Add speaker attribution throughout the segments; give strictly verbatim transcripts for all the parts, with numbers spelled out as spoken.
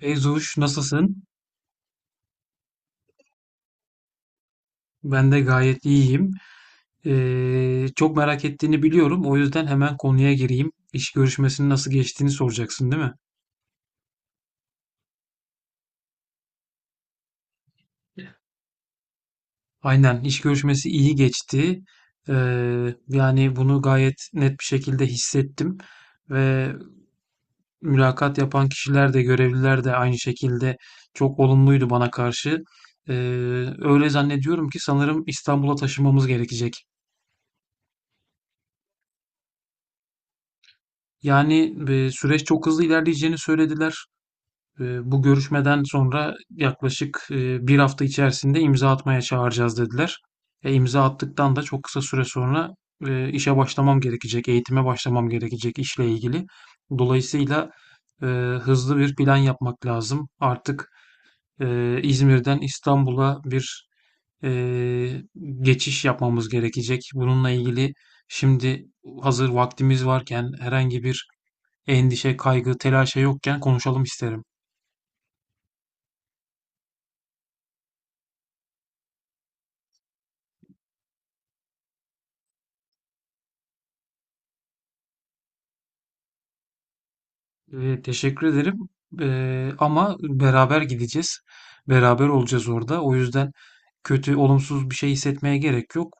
Speaker 1: Beyzuş nasılsın? Ben de gayet iyiyim. Ee, çok merak ettiğini biliyorum. O yüzden hemen konuya gireyim. İş görüşmesinin nasıl geçtiğini soracaksın, değil mi? Aynen, iş görüşmesi iyi geçti. Ee, yani bunu gayet net bir şekilde hissettim. Ve mülakat yapan kişiler de görevliler de aynı şekilde çok olumluydu bana karşı. Ee, öyle zannediyorum ki sanırım İstanbul'a taşınmamız gerekecek. Yani e, süreç çok hızlı ilerleyeceğini söylediler. Eee, bu görüşmeden sonra yaklaşık eee, bir hafta içerisinde imza atmaya çağıracağız dediler. E, imza attıktan da çok kısa süre sonra, eee, işe başlamam gerekecek, eğitime başlamam gerekecek işle ilgili. Dolayısıyla, eee, hızlı bir plan yapmak lazım. Artık, eee, İzmir'den İstanbul'a bir eee, geçiş yapmamız gerekecek. Bununla ilgili şimdi hazır vaktimiz varken, herhangi bir endişe, kaygı, telaşa yokken konuşalım isterim. Ee, teşekkür ederim. Ee, ama beraber gideceğiz. Beraber olacağız orada. O yüzden kötü, olumsuz bir şey hissetmeye gerek yok.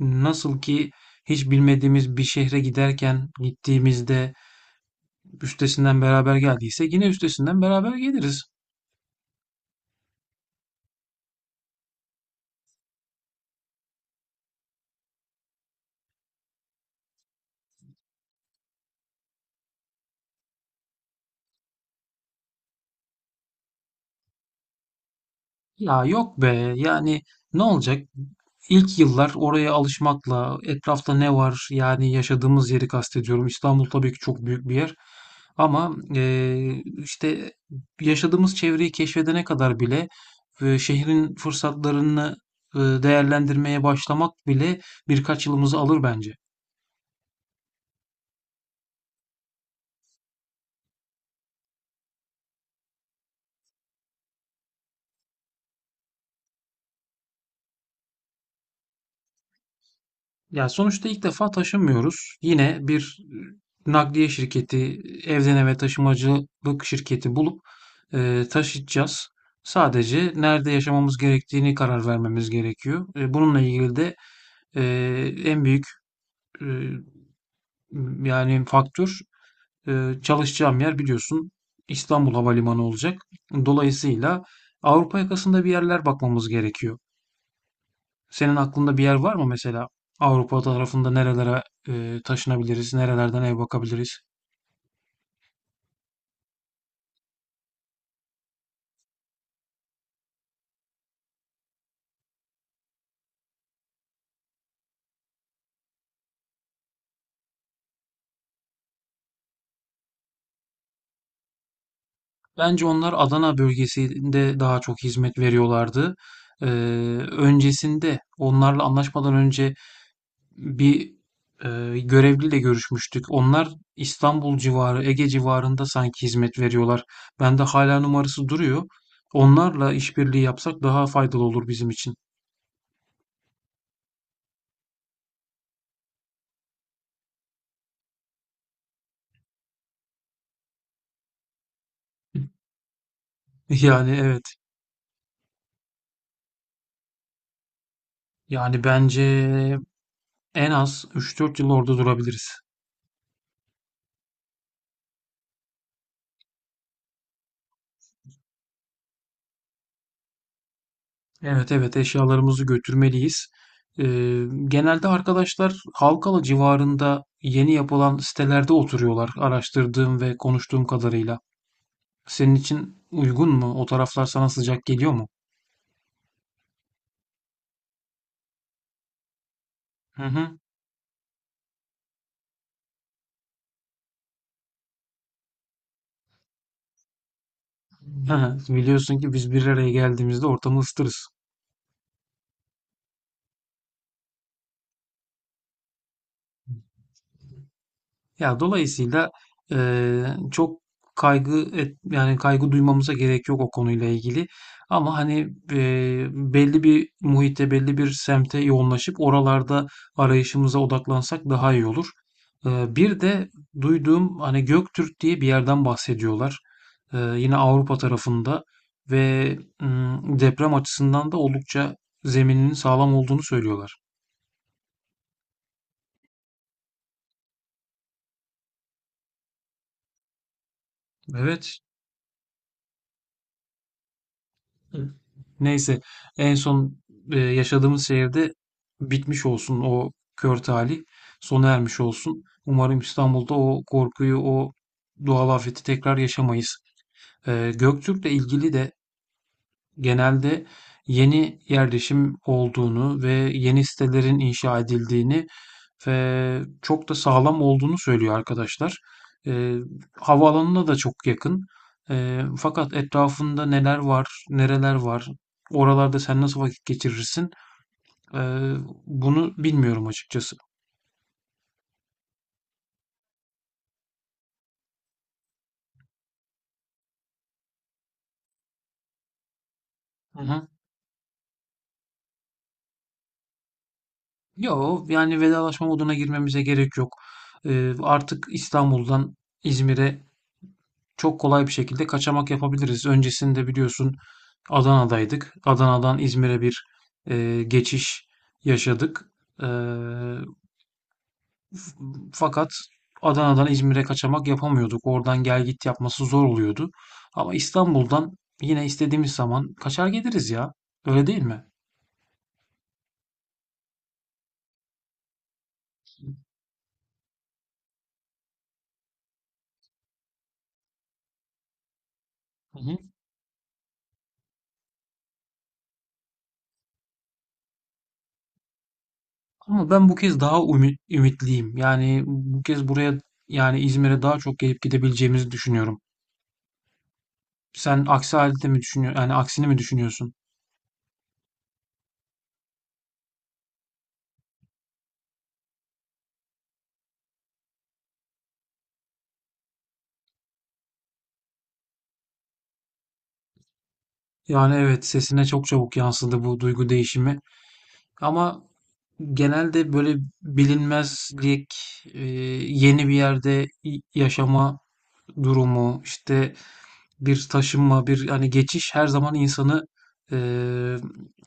Speaker 1: Nasıl ki hiç bilmediğimiz bir şehre giderken gittiğimizde üstesinden beraber geldiyse yine üstesinden beraber geliriz. Ya yok be yani ne olacak? İlk yıllar oraya alışmakla etrafta ne var, yani yaşadığımız yeri kastediyorum. İstanbul tabii ki çok büyük bir yer ama eee, işte yaşadığımız çevreyi keşfedene kadar bile e, şehrin fırsatlarını e, değerlendirmeye başlamak bile birkaç yılımızı alır bence. Ya sonuçta ilk defa taşımıyoruz. Yine bir e, nakliye şirketi, evden eve taşımacılık şirketi bulup e, taşıtacağız. Sadece nerede yaşamamız gerektiğini karar vermemiz gerekiyor. E, bununla ilgili de e, en büyük, e, yani faktör, e, çalışacağım yer, biliyorsun, İstanbul Havalimanı olacak. Dolayısıyla Avrupa yakasında bir yerler bakmamız gerekiyor. Senin aklında bir yer var mı mesela? Avrupa tarafında nerelere e, taşınabiliriz, nerelerden ev bakabiliriz? Bence onlar Adana bölgesinde daha çok hizmet veriyorlardı. Ee, öncesinde onlarla anlaşmadan önce bir e, görevliyle görüşmüştük. Onlar İstanbul civarı, Ege civarında sanki hizmet veriyorlar. Bende hala numarası duruyor. Onlarla işbirliği yapsak daha faydalı olur bizim için. Yani evet. Yani bence en az üç dört yıl orada durabiliriz. Evet, evet, eşyalarımızı götürmeliyiz. Ee, genelde arkadaşlar Halkalı civarında yeni yapılan sitelerde oturuyorlar, araştırdığım ve konuştuğum kadarıyla. Senin için uygun mu? O taraflar sana sıcak geliyor mu? Hı hı. Hı hı. Biliyorsun ki biz bir araya geldiğimizde ortamı ısıtırız. Ya dolayısıyla eee, çok kaygı et, yani kaygı duymamıza gerek yok o konuyla ilgili. Ama hani eee, belli bir muhitte, belli bir semte yoğunlaşıp oralarda arayışımıza odaklansak daha iyi olur. Eee, bir de duyduğum, hani Göktürk diye bir yerden bahsediyorlar. Eee, yine Avrupa tarafında ve mm, deprem açısından da oldukça zemininin sağlam olduğunu söylüyorlar. Evet. Hı. Neyse, en son e, yaşadığımız şehirde bitmiş olsun o kör talih. Sona ermiş olsun. Umarım İstanbul'da o korkuyu, o doğal afeti tekrar yaşamayız. E, Göktürk'le ilgili de genelde yeni yerleşim olduğunu ve yeni sitelerin inşa edildiğini ve çok da sağlam olduğunu söylüyor arkadaşlar. Eee havaalanına da çok yakın. Eee, fakat etrafında neler var, nereler var, oralarda sen nasıl vakit geçirirsin? Eee, bunu bilmiyorum açıkçası. Hı hı. Yo, yani vedalaşma moduna girmemize gerek yok. Eee, artık İstanbul'dan İzmir'e çok kolay bir şekilde kaçamak yapabiliriz. Öncesinde biliyorsun Adana'daydık. Adana'dan İzmir'e bir e, geçiş yaşadık. E, fakat Adana'dan İzmir'e kaçamak yapamıyorduk. Oradan gel git yapması zor oluyordu. Ama İstanbul'dan yine istediğimiz zaman kaçar geliriz ya. Öyle değil mi? Hı hı. Ama ben bu kez daha ümit, ümitliyim. Yani bu kez buraya, yani İzmir'e, daha çok gelip gidebileceğimizi düşünüyorum. Sen aksi halde mi düşünüyorsun? Yani aksini mi düşünüyorsun? Yani evet, sesine çok çabuk yansıdı bu duygu değişimi. Ama genelde böyle bilinmezlik, e, yeni bir yerde y- yaşama durumu, işte bir taşınma, bir hani geçiş her zaman insanı e,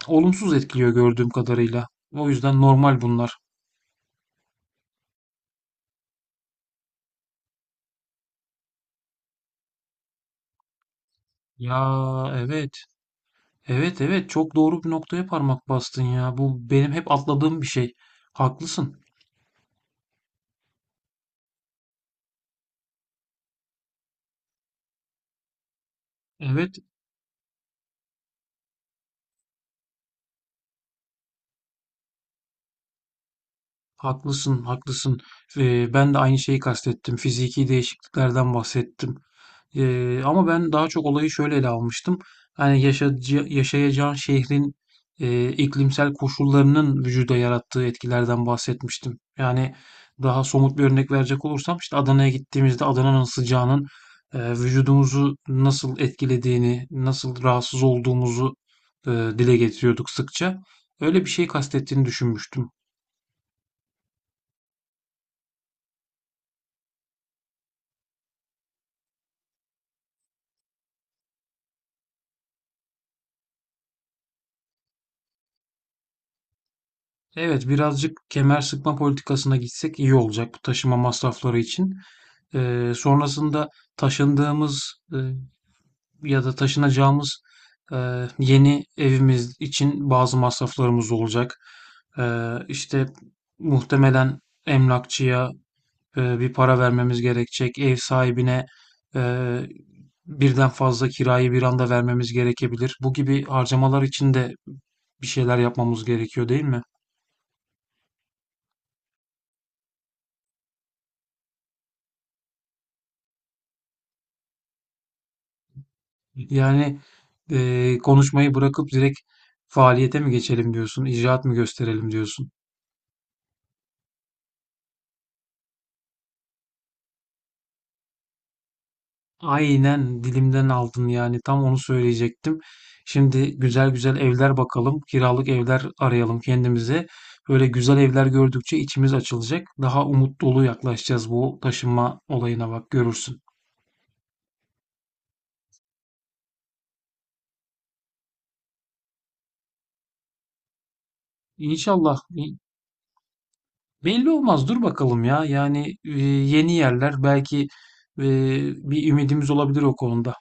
Speaker 1: olumsuz etkiliyor gördüğüm kadarıyla. O yüzden normal bunlar. Ya evet, evet, evet, çok doğru bir noktaya parmak bastın ya. Bu benim hep atladığım bir şey. Haklısın. Evet. Haklısın, haklısın. Eee, ben de aynı şeyi kastettim. Fiziki değişikliklerden bahsettim. Eee, ama ben daha çok olayı şöyle ele almıştım. Hani yaşayacağı- yaşayacağın şehrin eee, iklimsel koşullarının vücuda yarattığı etkilerden bahsetmiştim. Yani daha somut bir örnek verecek olursam, işte Adana'ya gittiğimizde Adana'nın sıcağının eee, vücudumuzu nasıl etkilediğini, nasıl rahatsız olduğumuzu eee, dile getiriyorduk sıkça. Öyle bir şey kastettiğini düşünmüştüm. Evet, birazcık kemer sıkma politikasına gitsek iyi olacak bu taşıma masrafları için. Ee, sonrasında taşındığımız, e, ya da taşınacağımız, e, yeni evimiz için bazı masraflarımız olacak. Ee, işte muhtemelen emlakçıya e, bir para vermemiz gerekecek. Ev sahibine e, birden fazla kirayı bir anda vermemiz gerekebilir. Bu gibi harcamalar için de bir şeyler yapmamız gerekiyor, değil mi? Yani eee, konuşmayı bırakıp direkt faaliyete mi geçelim diyorsun, icraat mı gösterelim diyorsun. Aynen, dilimden aldın, yani tam onu söyleyecektim. Şimdi güzel güzel evler bakalım, kiralık evler arayalım kendimize. Böyle güzel evler gördükçe içimiz açılacak. Daha umut dolu yaklaşacağız bu taşınma olayına, bak görürsün. İnşallah i- belli olmaz, dur bakalım ya. Yani e, yeni yerler belki e, bir ümidimiz olabilir o konuda.